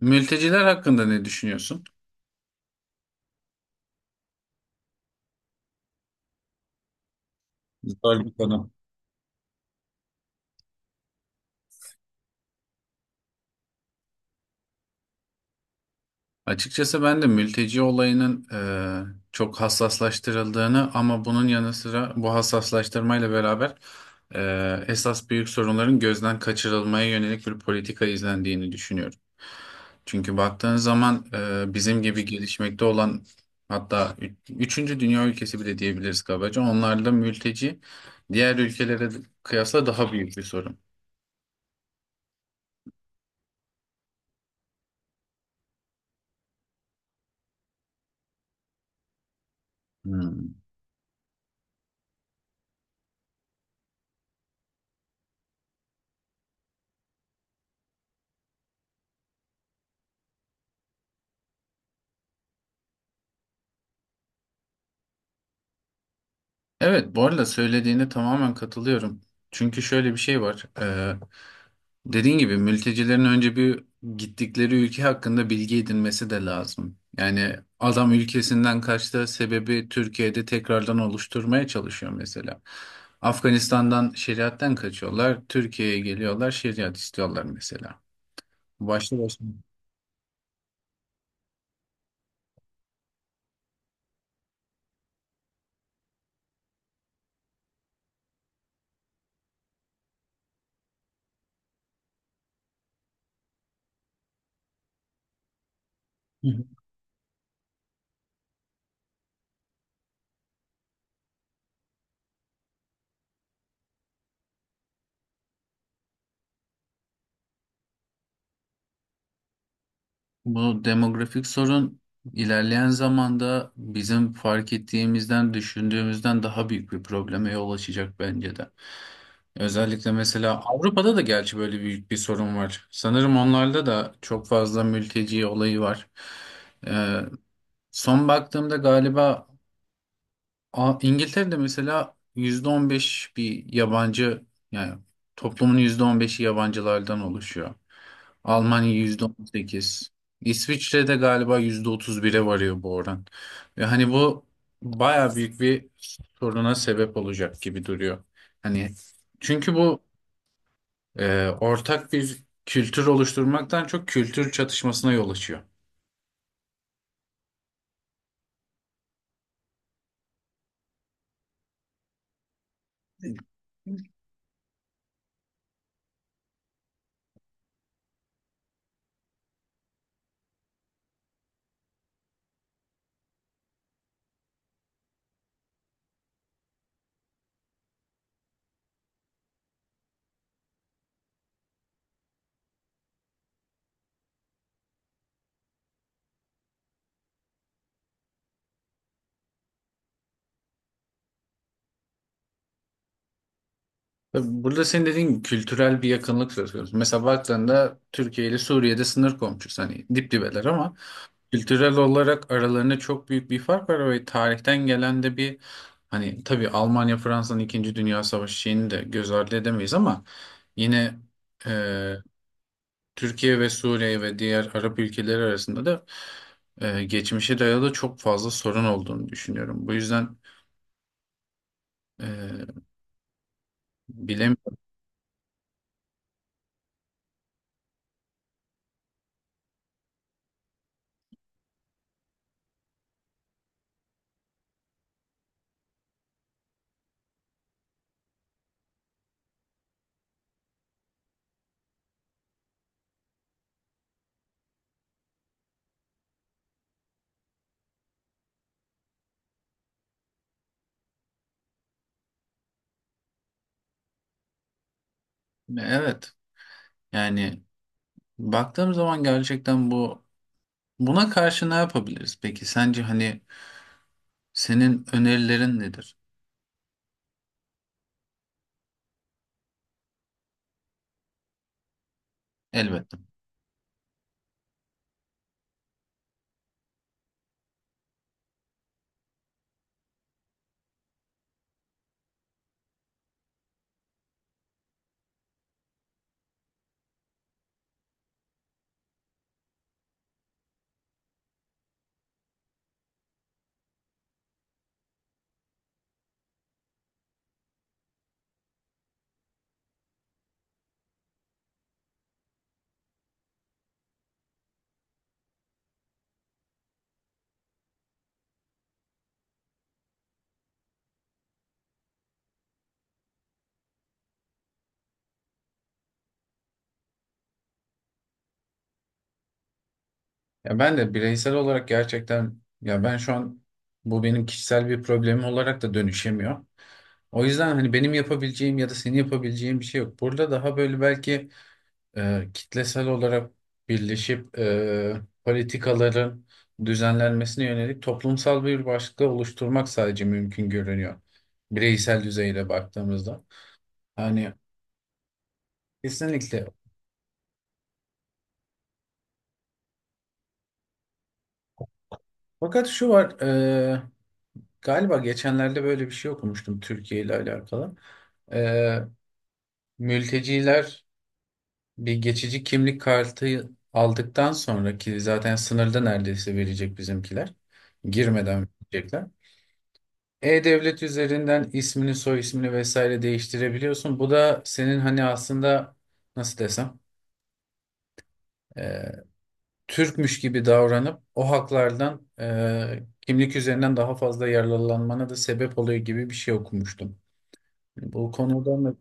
Mülteciler hakkında ne düşünüyorsun? Güzel bir konu. Açıkçası ben de mülteci olayının çok hassaslaştırıldığını ama bunun yanı sıra bu hassaslaştırmayla beraber esas büyük sorunların gözden kaçırılmaya yönelik bir politika izlendiğini düşünüyorum. Çünkü baktığın zaman bizim gibi gelişmekte olan hatta üçüncü dünya ülkesi bile diyebiliriz kabaca. Onlarda mülteci diğer ülkelere kıyasla daha büyük bir sorun. Hmm. Evet, bu arada söylediğine tamamen katılıyorum. Çünkü şöyle bir şey var. Dediğin gibi mültecilerin önce bir gittikleri ülke hakkında bilgi edinmesi de lazım. Yani adam ülkesinden kaçtığı sebebi Türkiye'de tekrardan oluşturmaya çalışıyor mesela. Afganistan'dan şeriatten kaçıyorlar. Türkiye'ye geliyorlar, şeriat istiyorlar mesela. Başlı başına. Bu demografik sorun ilerleyen zamanda bizim fark ettiğimizden, düşündüğümüzden daha büyük bir probleme yol açacak bence de. Özellikle mesela Avrupa'da da gerçi böyle büyük bir sorun var. Sanırım onlarda da çok fazla mülteci olayı var. Ee, son baktığımda galiba İngiltere'de mesela %15 bir yabancı, yani toplumun %15'i yabancılardan oluşuyor. Almanya %18, İsviçre'de galiba %31'e varıyor bu oran. Ve hani bu baya büyük bir soruna sebep olacak gibi duruyor. Hani çünkü bu ortak bir kültür oluşturmaktan çok kültür çatışmasına yol açıyor. Tabii burada senin dediğin gibi kültürel bir yakınlık söz konusu. Mesela baktığında Türkiye ile Suriye'de sınır komşusu, hani dip dibeler ama kültürel olarak aralarında çok büyük bir fark var ve tarihten gelen de bir, hani tabii Almanya Fransa'nın İkinci Dünya Savaşı şeyini de göz ardı edemeyiz ama yine e, Türkiye ve Suriye ve diğer Arap ülkeleri arasında da geçmişe dayalı çok fazla sorun olduğunu düşünüyorum. Bu yüzden e, bilemiyorum. Evet, yani baktığım zaman gerçekten bu buna karşı ne yapabiliriz? Peki sence hani senin önerilerin nedir? Elbette. Ya ben de bireysel olarak gerçekten, ya ben şu an bu benim kişisel bir problemim olarak da dönüşemiyor. O yüzden hani benim yapabileceğim ya da senin yapabileceğin bir şey yok. Burada daha böyle belki kitlesel olarak birleşip politikaların düzenlenmesine yönelik toplumsal bir başlık oluşturmak sadece mümkün görünüyor. Bireysel düzeyde baktığımızda. Yani kesinlikle. Fakat şu var, galiba geçenlerde böyle bir şey okumuştum Türkiye ile alakalı. E, mülteciler bir geçici kimlik kartı aldıktan sonraki zaten sınırda neredeyse verecek bizimkiler. Girmeden verecekler. E-Devlet üzerinden ismini, soy ismini vesaire değiştirebiliyorsun. Bu da senin hani aslında nasıl desem, e, Türkmüş gibi davranıp o haklardan kimlik üzerinden daha fazla yararlanmana da sebep oluyor gibi bir şey okumuştum. Yani bu konuda mı?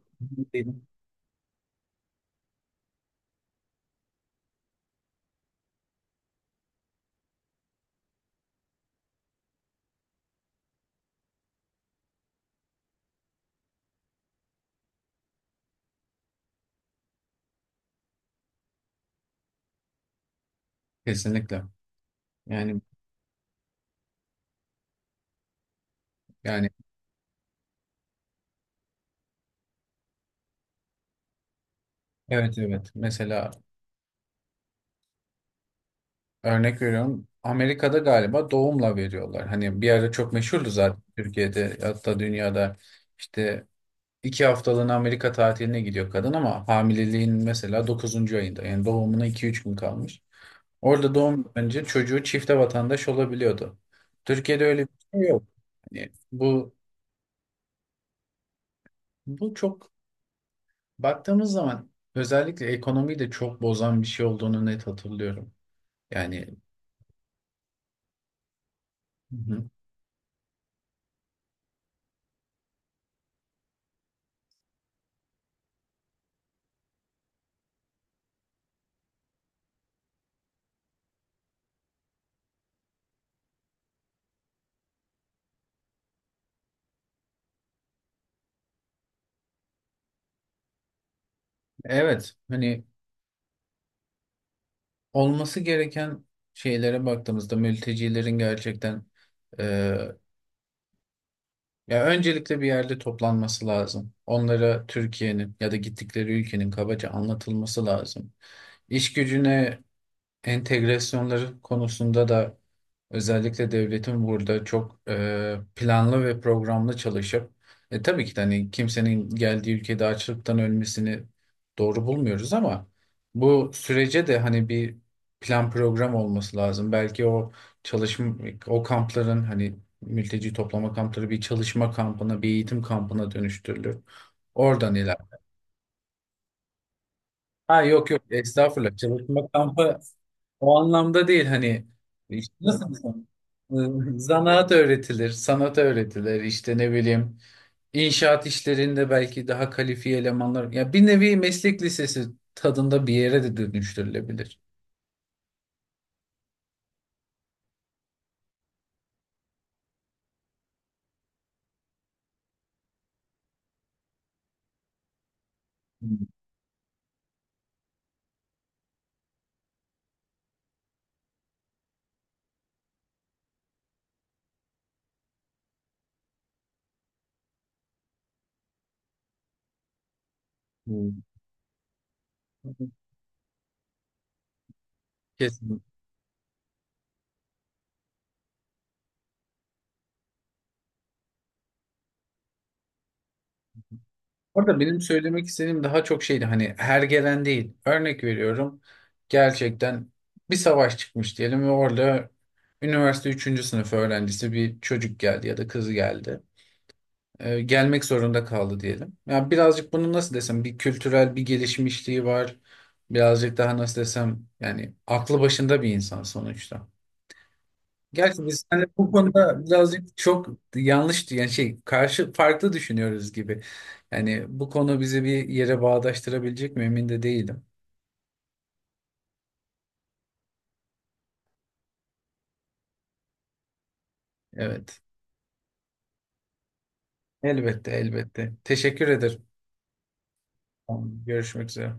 Kesinlikle. Yani yani evet, evet. Mesela örnek veriyorum. Amerika'da galiba doğumla veriyorlar. Hani bir ara çok meşhurdu zaten Türkiye'de, hatta dünyada işte 2 haftalığına Amerika tatiline gidiyor kadın ama hamileliğin mesela dokuzuncu ayında, yani doğumuna iki üç gün kalmış. Orada doğum önce çocuğu çifte vatandaş olabiliyordu. Türkiye'de öyle bir şey yok. Yani bu bu çok, baktığımız zaman özellikle ekonomiyi de çok bozan bir şey olduğunu net hatırlıyorum. Yani, hı hı, evet, hani olması gereken şeylere baktığımızda mültecilerin gerçekten e, ya öncelikle bir yerde toplanması lazım. Onlara Türkiye'nin ya da gittikleri ülkenin kabaca anlatılması lazım. İş gücüne entegrasyonları konusunda da özellikle devletin burada çok planlı ve programlı çalışıp tabii ki de hani kimsenin geldiği ülkede açlıktan ölmesini doğru bulmuyoruz ama bu sürece de hani bir plan program olması lazım. Belki o çalışma, o kampların hani mülteci toplama kampları bir çalışma kampına, bir eğitim kampına dönüştürülür. Oradan ilerler. Ha yok yok, estağfurullah, çalışma kampı o anlamda değil, hani işte nasıl desem, zanaat öğretilir, sanat öğretilir, işte ne bileyim inşaat işlerinde belki daha kalifiye elemanlar, ya bir nevi meslek lisesi tadında bir yere de dönüştürülebilir. Hmm. Hmm. Kesinlikle. Orada benim söylemek istediğim daha çok şeydi, hani her gelen değil. Örnek veriyorum, gerçekten bir savaş çıkmış diyelim ve orada üniversite üçüncü sınıf öğrencisi bir çocuk geldi ya da kız geldi. Gelmek zorunda kaldı diyelim. Ya birazcık bunu nasıl desem, bir kültürel bir gelişmişliği var. Birazcık daha nasıl desem, yani aklı başında bir insan sonuçta. Gerçi biz hani bu konuda birazcık çok yanlış, yani şey karşı farklı düşünüyoruz gibi. Yani bu konu bizi bir yere bağdaştırabilecek mi emin de değilim. Evet. Elbette, elbette. Teşekkür ederim. Tamam, görüşmek üzere.